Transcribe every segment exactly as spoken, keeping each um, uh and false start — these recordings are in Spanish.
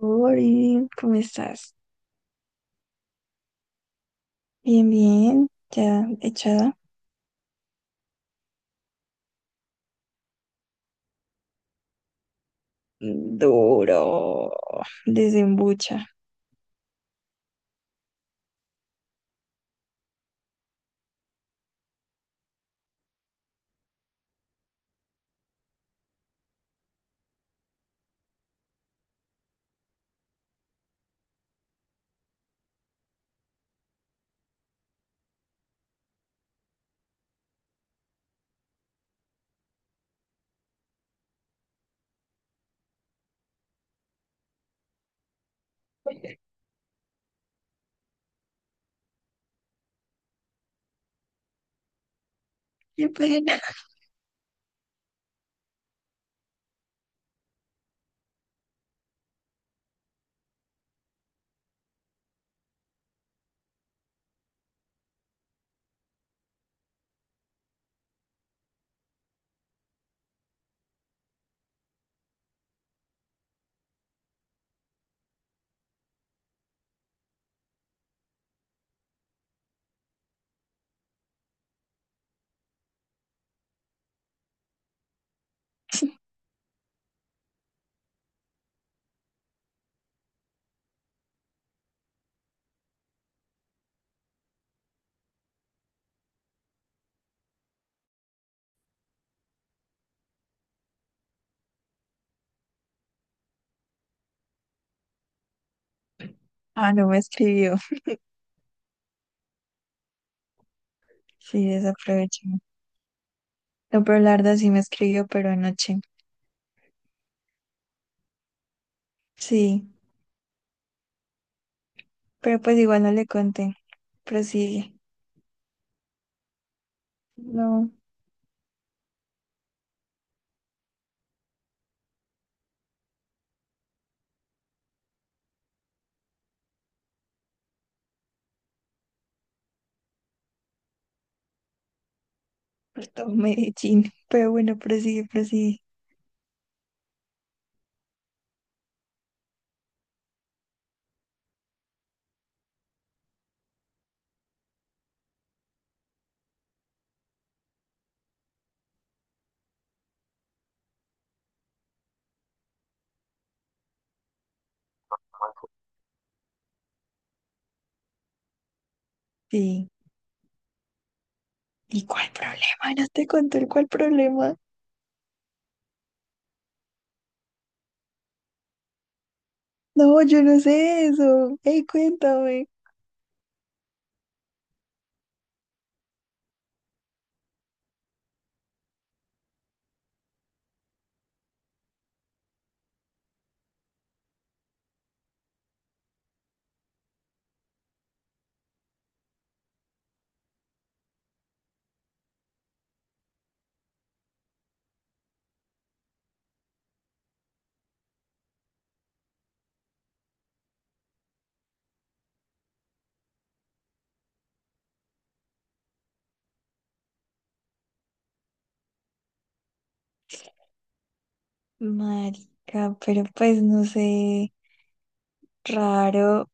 Ori, ¿cómo estás? Bien, bien, ya echada. Duro, desembucha. Qué pena. Ah, no me escribió. Sí, desaproveché. No, pero Larda sí me escribió, pero anoche. Sí, pero pues igual no le conté. Prosigue. No, pues todo Medellín. Pero bueno, prosigue, prosigue. Sí. ¿Y cuál problema? No te conté el cuál problema. No, yo no sé eso. Ey, cuéntame. Marica, pero pues no sé. Raro,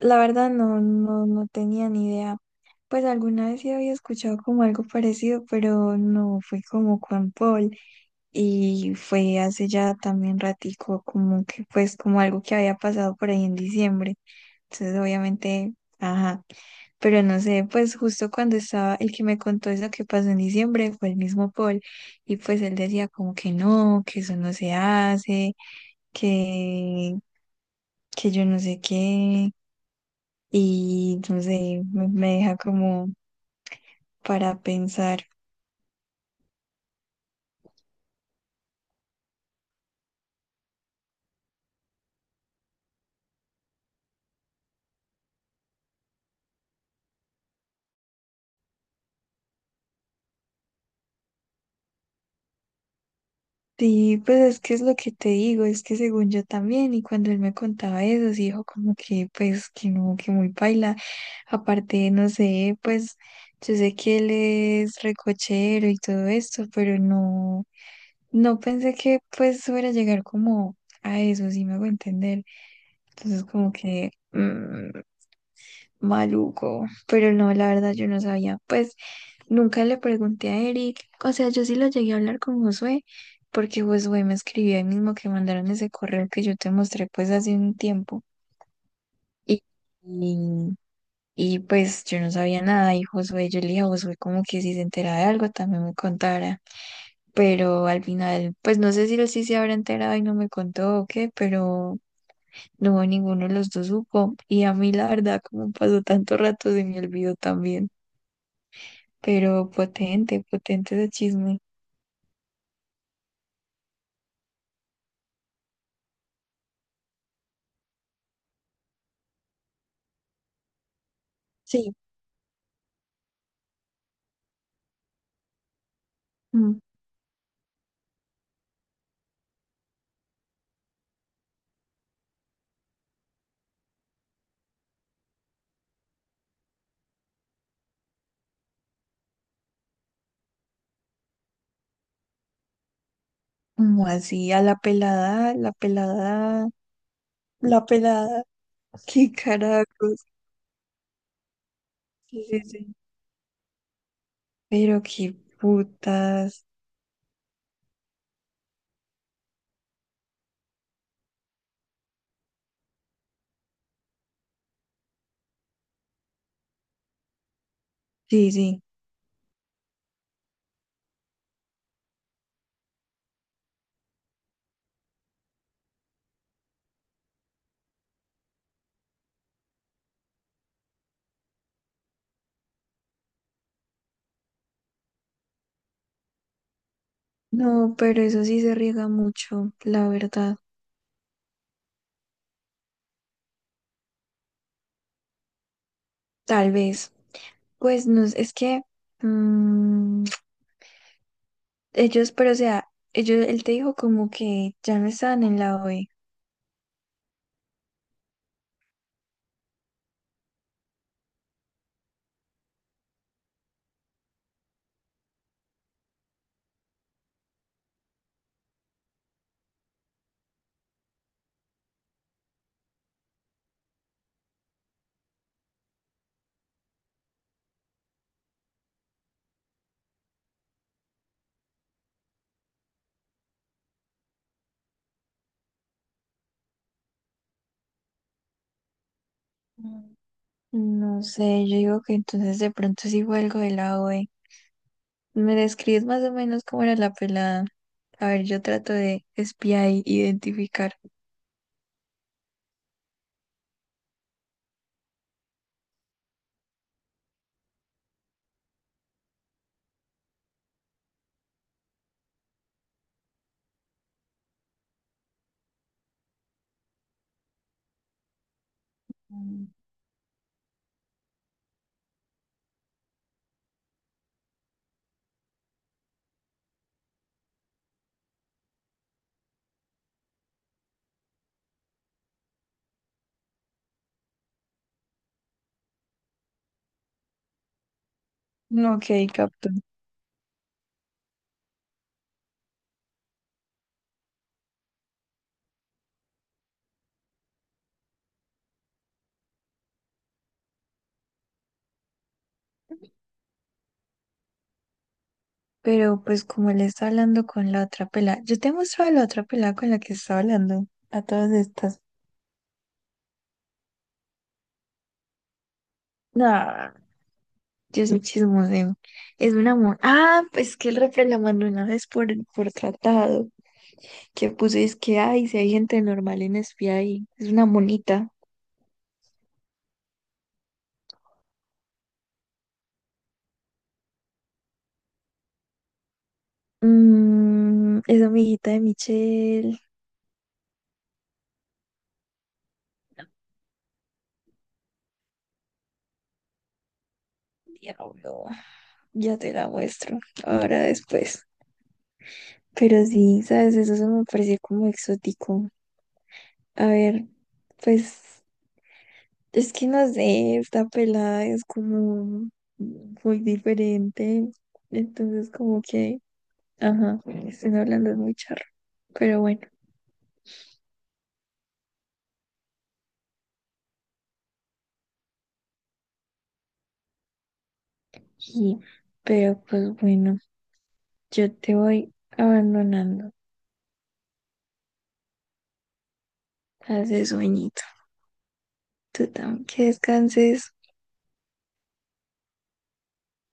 la verdad no, no, no tenía ni idea. Pues alguna vez sí había escuchado como algo parecido, pero no fue como Juan Paul y fue hace ya también ratico, como que pues como algo que había pasado por ahí en diciembre. Entonces obviamente, ajá, pero no sé, pues justo cuando estaba el que me contó eso que pasó en diciembre fue el mismo Paul y pues él decía como que no, que eso no se hace, que, que yo no sé qué. Y no sé, me, me deja como para pensar. Sí, pues es que es lo que te digo, es que según yo también, y cuando él me contaba eso, sí dijo como que pues que no, que muy paila. Aparte, no sé, pues yo sé que él es recochero y todo esto, pero no, no pensé que pues fuera a llegar como a eso, sí me hago entender. Entonces como que mm, maluco, pero no, la verdad yo no sabía. Pues nunca le pregunté a Eric, o sea, yo sí lo llegué a hablar con Josué, porque Josué me escribió ahí mismo que mandaron ese correo que yo te mostré pues hace un tiempo. Y, y, y, pues yo no sabía nada y Josué, yo le dije a Josué como que si se enteraba de algo también me contara, pero al final, pues no sé si él sí se habrá enterado y no me contó o qué, pero... No, ninguno de los dos supo. Y a mí, la verdad, como pasó tanto rato, se me olvidó también. Pero potente, potente de chisme. Sí. Mm. Como así, a la pelada, la pelada, la pelada, qué carajos. Sí, sí, sí. Pero qué putas. Sí, sí. No, pero eso sí se riega mucho, la verdad. Tal vez. Pues no, es es que mm, ellos, pero o sea, ellos, él te dijo como que ya no estaban en la O E. Mm. No sé, yo digo que entonces de pronto sí fue algo de la O E. ¿Me describes más o menos cómo era la pelada? A ver, yo trato de espiar y identificar. Mm. No, ok, capto. Pero pues como él está hablando con la otra pelada, yo te he mostrado la otra pelada con la que está hablando a todas estas. No, yo soy chismoseo. Es un amor. Ah, pues que el refre la mandó una vez por, por tratado, que puso es que ay, si hay gente normal en espía ahí. Es una monita. Mm, es amiguita de Michelle. Diablo. Ya te la muestro, ahora después. Pero sí, ¿sabes? Eso se me pareció como exótico. A ver, pues es que no sé, esta pelada es como muy diferente. Entonces como que, ajá, estén hablando es muy charro. Pero bueno, sí. Pero pues bueno, yo te voy abandonando. Hace sueñito. Tú también que descanses.